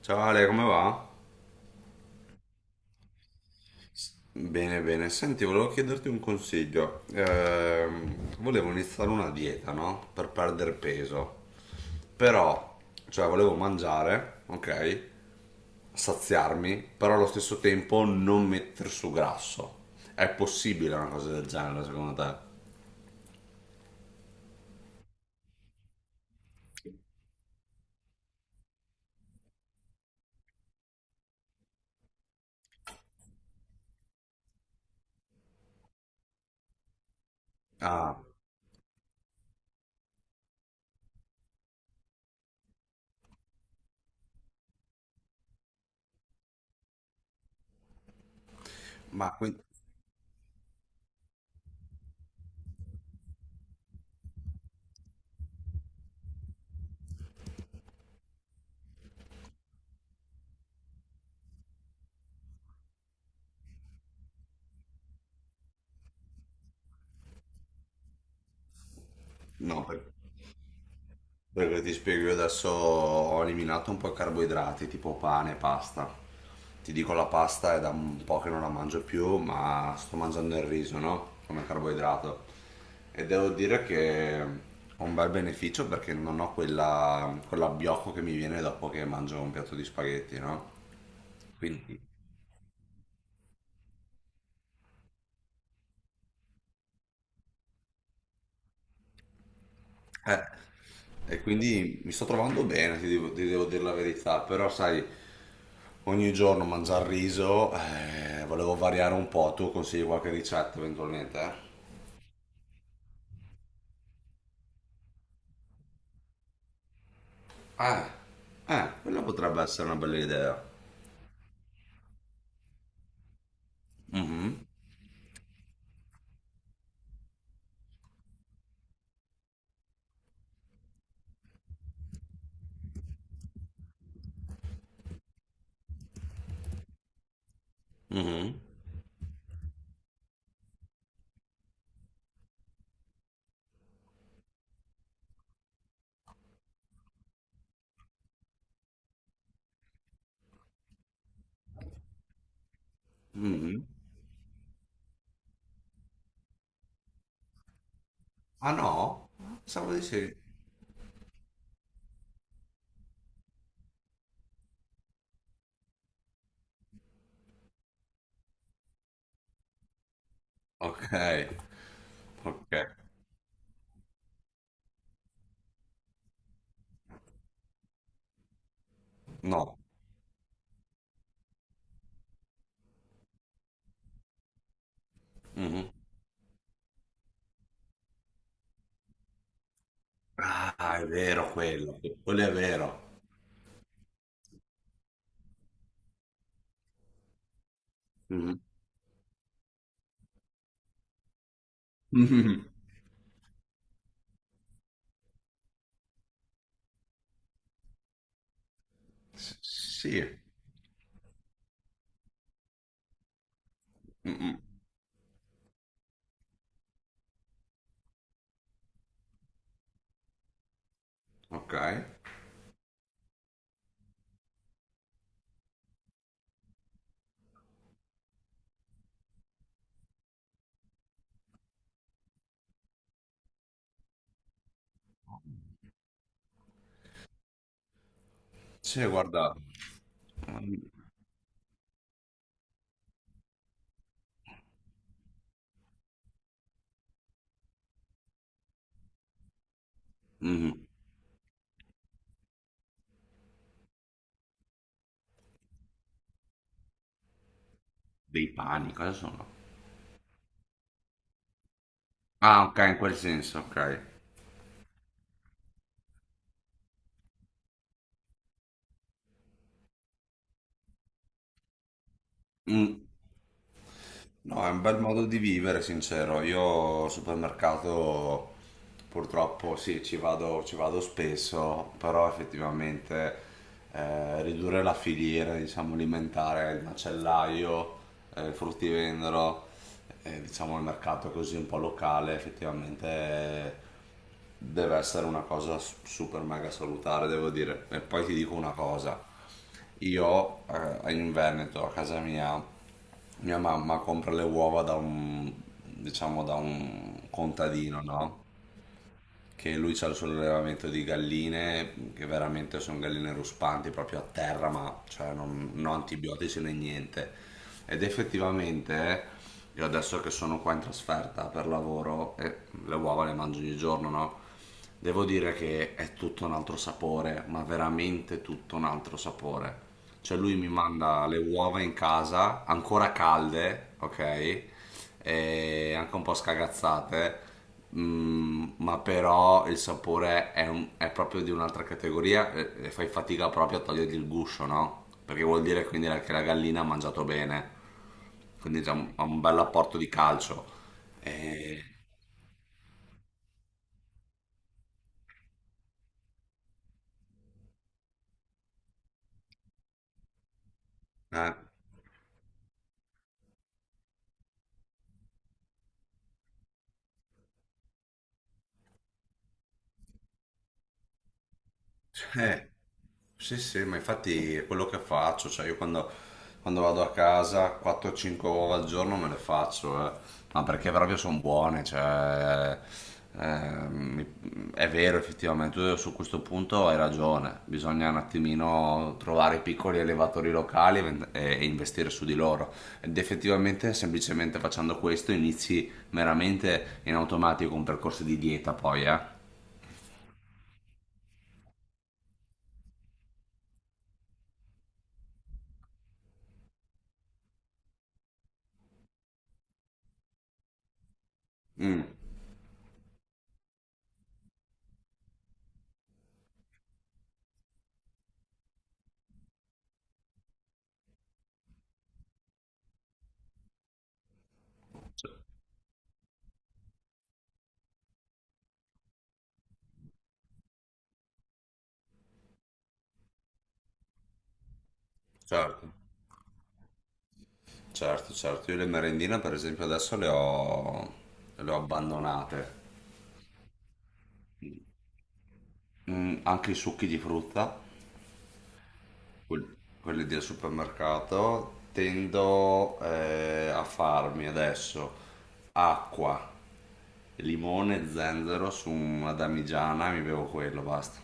Ciao Ale, come va? Bene, bene. Senti, volevo chiederti un consiglio. Volevo iniziare una dieta, no? Per perdere peso. Però, cioè, volevo mangiare, ok? Saziarmi, però allo stesso tempo non mettere su grasso. È possibile una cosa del genere, secondo te? Ah, ma quindi... No, per- Perché ti spiego, io adesso ho eliminato un po' i carboidrati, tipo pane, pasta. Ti dico, la pasta è da un po' che non la mangio più, ma sto mangiando il riso, no? Come carboidrato. E devo dire che ho un bel beneficio perché non ho quella, quell'abbiocco che mi viene dopo che mangio un piatto di spaghetti, no? Quindi Eh, e quindi mi sto trovando bene, ti devo dire la verità, però sai, ogni giorno mangiare riso, volevo variare un po', tu consigli qualche ricetta eventualmente, eh? Ah, quella potrebbe essere una bella idea. Mhm, mhm, mhm. Ah no? Pensavo di sì. Ok, ok, no. Mhm. Ah, è vero quello, quello è vero. Mhm. Mhm. S- Sì. Mm-mm. Ok. Sì, guarda. Mhm. Dei pani, cosa sono? Ah, ok, in quel senso, ok. Mm. No, è un bel modo di vivere, sincero. Io al supermercato purtroppo sì, ci vado spesso, però effettivamente ridurre la filiera, diciamo, alimentare, il macellaio, il fruttivendolo, diciamo il mercato così un po' locale, effettivamente deve essere una cosa s- super mega salutare, devo dire. E poi ti dico una cosa. Io in Veneto, a casa mia, mia mamma compra le uova da un, diciamo, da un contadino, no? Che lui c'ha il suo allevamento di galline, che veramente sono galline ruspanti, proprio a terra, ma cioè, non, non antibiotici né niente. Ed effettivamente, io adesso che sono qua in trasferta per lavoro, e le uova le mangio ogni giorno, no? Devo dire che è tutto un altro sapore, ma veramente tutto un altro sapore. Cioè lui mi manda le uova in casa, ancora calde, ok? E anche un po' scagazzate, mm, ma però il sapore è, un- è proprio di un'altra categoria e fai fatica proprio a togliergli il guscio, no? Perché vuol dire quindi che la gallina ha mangiato bene, quindi già un- ha un bel apporto di calcio. E, eh. Eh, sì, sì, ma infatti è quello che faccio, cioè io quando, quando vado a casa 4-5 uova al giorno me le faccio, eh. Ma perché proprio sono buone, cioè, mi- è vero effettivamente, tu su questo punto hai ragione, bisogna un attimino trovare i piccoli allevatori locali e, vend- e investire su di loro ed effettivamente semplicemente facendo questo inizi veramente in automatico un percorso di dieta poi, eh. Mm, certo. Certo, certo, io le merendine per esempio adesso le ho abbandonate. Mm, anche i succhi di frutta, quel- quelli del supermercato, tendo a farmi adesso acqua, limone, zenzero su una damigiana e mi bevo quello, basta.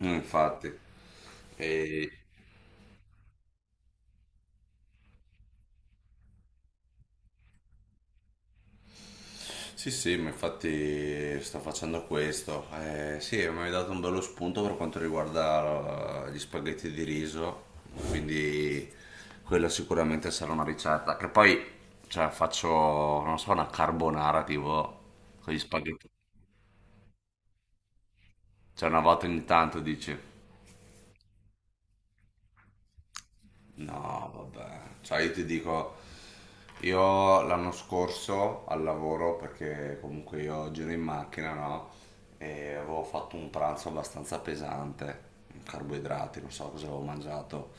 Mm, infatti. Sì, sì, ma infatti sto facendo questo. Sì, mi hai dato un bello spunto per quanto riguarda gli spaghetti di riso, quindi quella sicuramente sarà una ricetta. Che poi, cioè, faccio, non so, una carbonara tipo con gli spaghetti. Cioè, una volta ogni tanto dici. No, vabbè. Cioè, io ti dico, io l'anno scorso al lavoro, perché comunque io giro in macchina, no? E avevo fatto un pranzo abbastanza pesante, carboidrati, non so cosa avevo mangiato,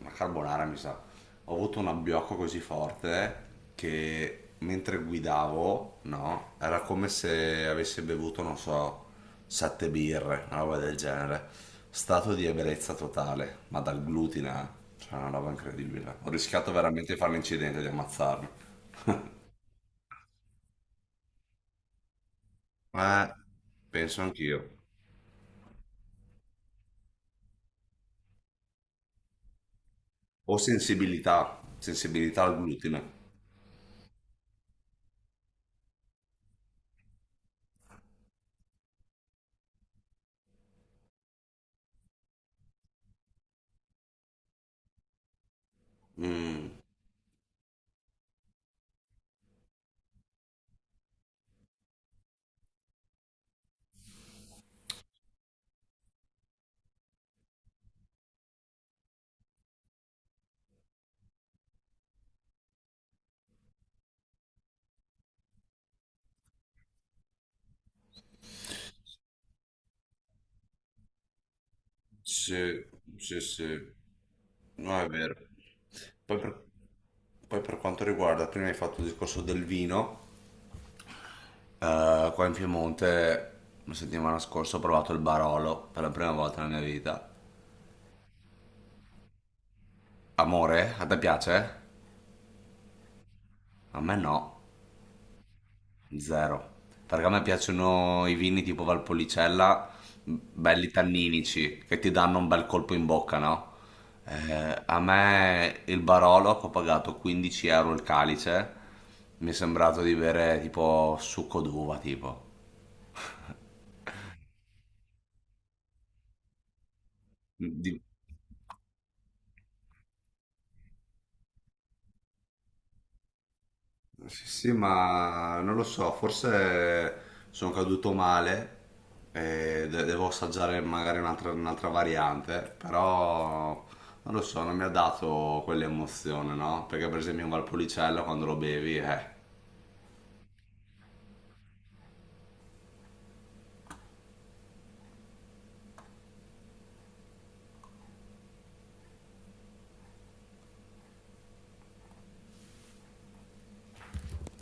una carbonara mi sa. Ho avuto un abbiocco così forte che mentre guidavo, no? Era come se avessi bevuto, non so, 7 birre, una roba del genere. Stato di ebbrezza totale, ma dal glutine, eh. Cioè una roba incredibile. Ho rischiato veramente di fare l'incidente, di ammazzarmi. Eh, penso anch'io. Ho sensibilità, sensibilità al glutine. Mm, sì, sì, sì. No, è vero. Poi per, poi per quanto riguarda, prima hai fatto il discorso del vino, qua in Piemonte la settimana scorsa ho provato il Barolo per la prima volta nella mia vita. Amore, a te piace? A me no, zero. Perché a me piacciono i vini tipo Valpolicella, m, belli tanninici, che ti danno un bel colpo in bocca, no? A me il Barolo, che ho pagato 15 euro il calice, mi è sembrato di bere tipo succo d'uva, tipo. Di- Sì, sì, ma non lo so, forse sono caduto male e de- devo assaggiare magari un'altra un'altra variante, però non lo so, non mi ha dato quell'emozione, no? Perché per esempio in Valpolicella quando lo bevi, eh.